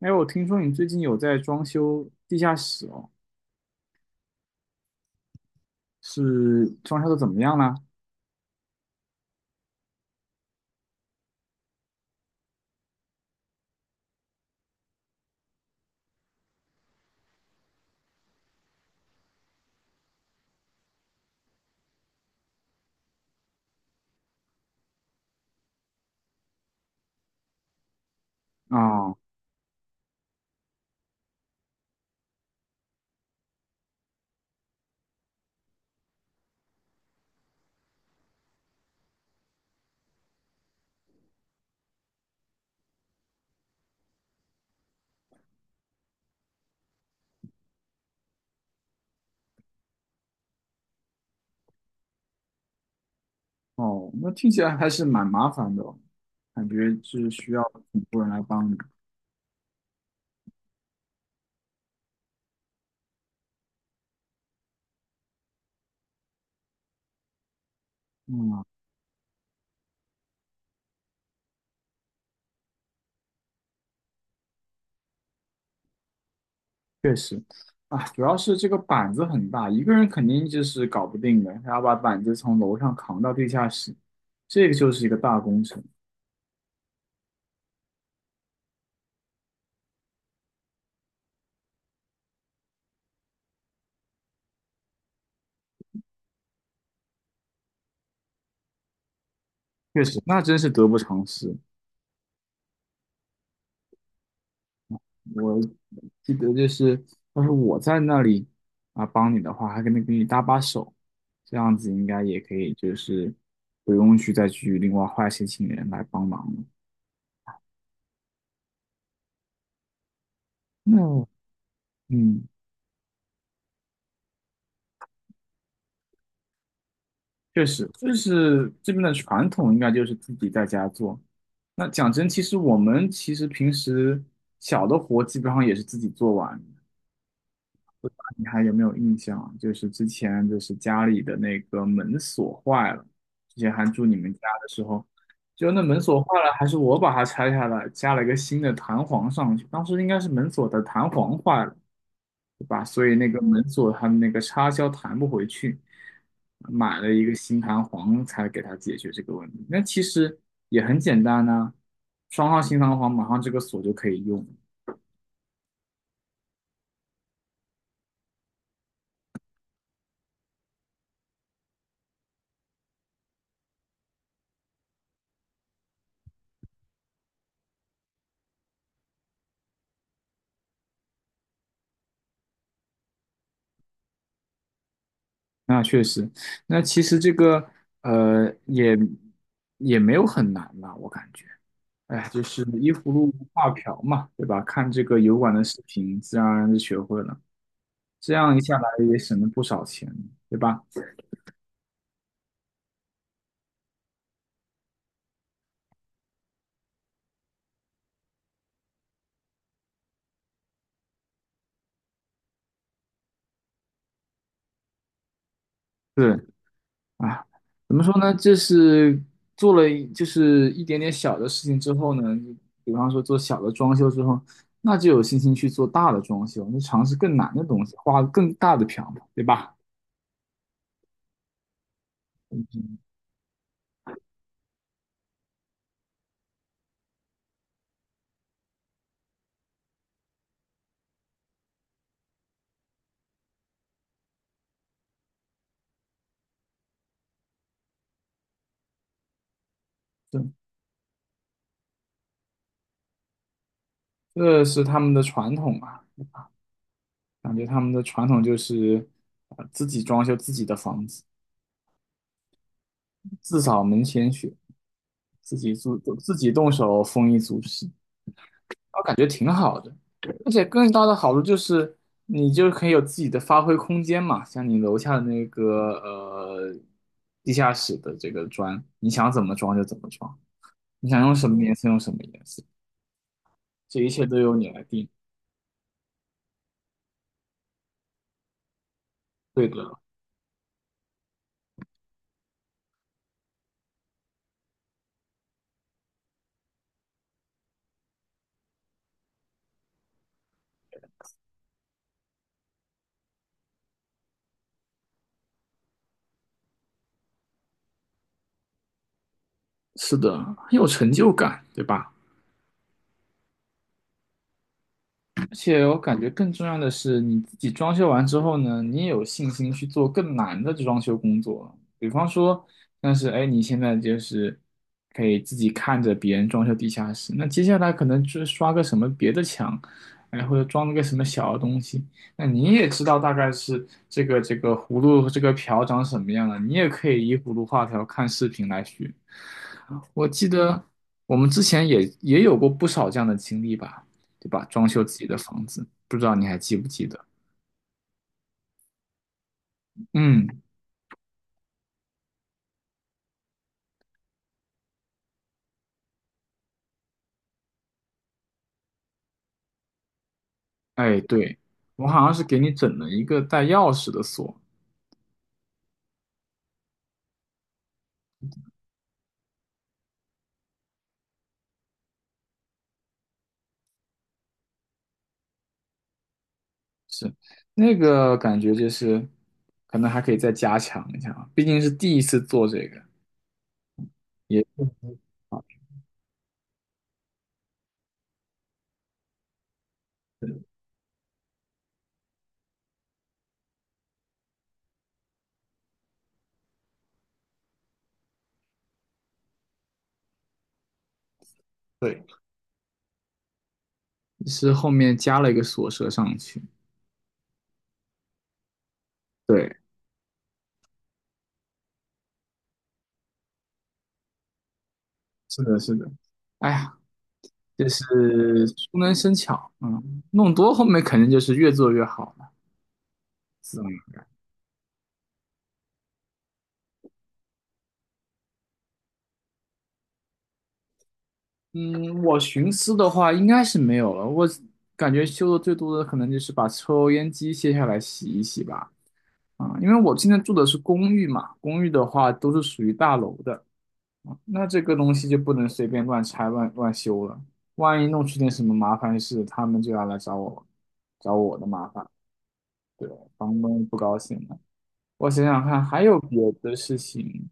哎，我听说你最近有在装修地下室哦，是装修的怎么样呢？啊、哦，那听起来还是蛮麻烦的哦，感觉是需要很多人来帮你。嗯，确实，啊，主要是这个板子很大，一个人肯定就是搞不定的，还要把板子从楼上扛到地下室，这个就是一个大工程。确实，那真是得不偿失。我记得就是，要是我在那里啊帮你的话，还可能给你搭把手，这样子应该也可以，就是不用去再去另外花一些请人来帮忙了。那嗯，确实，就是这边的传统应该就是自己在家做。那讲真，其实我们其实平时小的活基本上也是自己做完，你还有没有印象啊？就是之前就是家里的那个门锁坏了，之前还住你们家的时候，就那门锁坏了，还是我把它拆下来，加了一个新的弹簧上去。当时应该是门锁的弹簧坏了，对吧？所以那个门锁它的那个插销弹不回去，买了一个新弹簧才给它解决这个问题。那其实也很简单呐、装上新弹簧，马上这个锁就可以用。那确实，那其实这个呃也也没有很难吧，我感觉，哎，就是依葫芦画瓢嘛，对吧？看这个油管的视频，自然而然就学会了，这样一下来也省了不少钱，对吧？是啊，怎么说呢？这是做了一就是一点点小的事情之后呢，比方说做小的装修之后，那就有信心去做大的装修，那尝试更难的东西，画更大的瓢嘛，对吧？嗯对。这是他们的传统吧？感觉他们的传统就是啊、自己装修自己的房子，自扫门前雪，自己做自己动手丰衣足食，我感觉挺好的。而且更大的好处就是，你就可以有自己的发挥空间嘛。像你楼下的那个地下室的这个砖，你想怎么装就怎么装，你想用什么颜色用什么颜色，这一切都由你来定。对的，是的，很有成就感，对吧？而且我感觉更重要的是，你自己装修完之后呢，你也有信心去做更难的装修工作了比方说，但是哎，你现在就是可以自己看着别人装修地下室，那接下来可能就是刷个什么别的墙，哎，或者装了个什么小的东西，那你也知道大概是这个葫芦这个瓢长什么样了，你也可以依葫芦画瓢看视频来学。我记得我们之前也有过不少这样的经历吧。对吧？装修自己的房子，不知道你还记不记得？嗯，哎，对，我好像是给你整了一个带钥匙的锁，是那个感觉就是可能还可以再加强一下啊，毕竟是第一次做这个，也对，是后面加了一个锁舌上去。对，是的，是的。哎呀，就是熟能生巧，嗯，弄多后面肯定就是越做越好了。嗯，我寻思的话应该是没有了。我感觉修的最多的可能就是把抽烟机卸下来洗一洗吧。啊、因为我现在住的是公寓嘛，公寓的话都是属于大楼的，啊那这个东西就不能随便乱拆乱修了。万一弄出点什么麻烦事，他们就要来找我，找我的麻烦，对，房东不高兴了。我想想看，还有别的事情，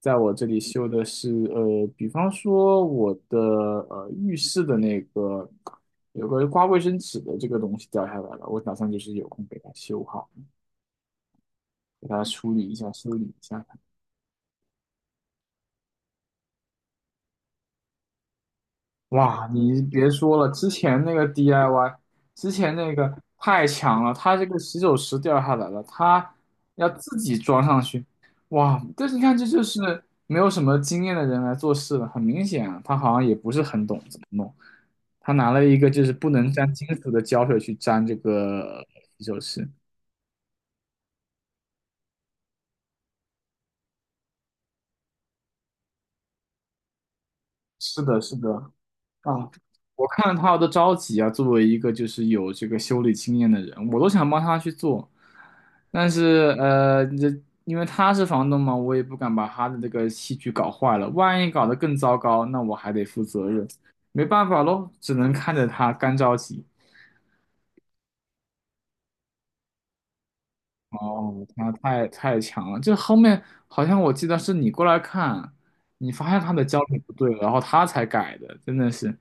在我这里修的是，比方说我的浴室的那个有个刮卫生纸的这个东西掉下来了，我打算就是有空给它修好，给它处理一下，修理一下。哇，你别说了，之前那个 DIY，之前那个太强了，它这个洗手池掉下来了，它要自己装上去，哇！但是你看，这就是没有什么经验的人来做事了，很明显啊，他好像也不是很懂怎么弄，他拿了一个就是不能沾金属的胶水去粘这个洗手池。是的，是的，啊，我看他的着急啊，作为一个就是有这个修理经验的人，我都想帮他去做，但是这因为他是房东嘛，我也不敢把他的这个器具搞坏了，万一搞得更糟糕，那我还得负责任，没办法喽，只能看着他干着急。哦，他太强了，这后面好像我记得是你过来看，你发现他的焦点不对了然后他才改的，真的是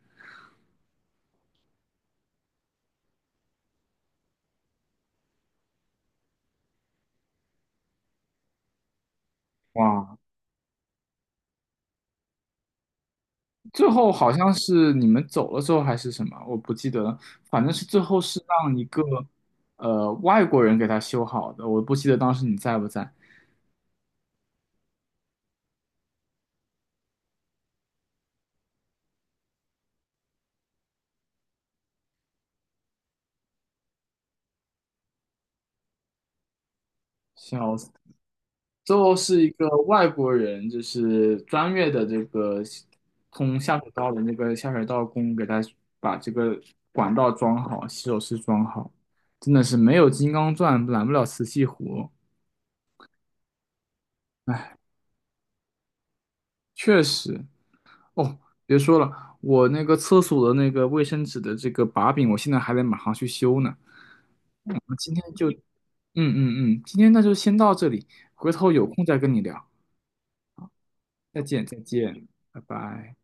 哇，最后好像是你们走了之后还是什么，我不记得了，反正是最后是让一个外国人给他修好的，我不记得当时你在不在，笑死。最后是一个外国人，就是专业的这个通下水道的那个下水道工给他把这个管道装好，洗手池装好，真的是没有金刚钻揽不了瓷器活，确实。哦，别说了，我那个厕所的那个卫生纸的这个把柄，我现在还得马上去修呢。我们今天就，今天那就先到这里，回头有空再跟你聊，再见再见，拜拜。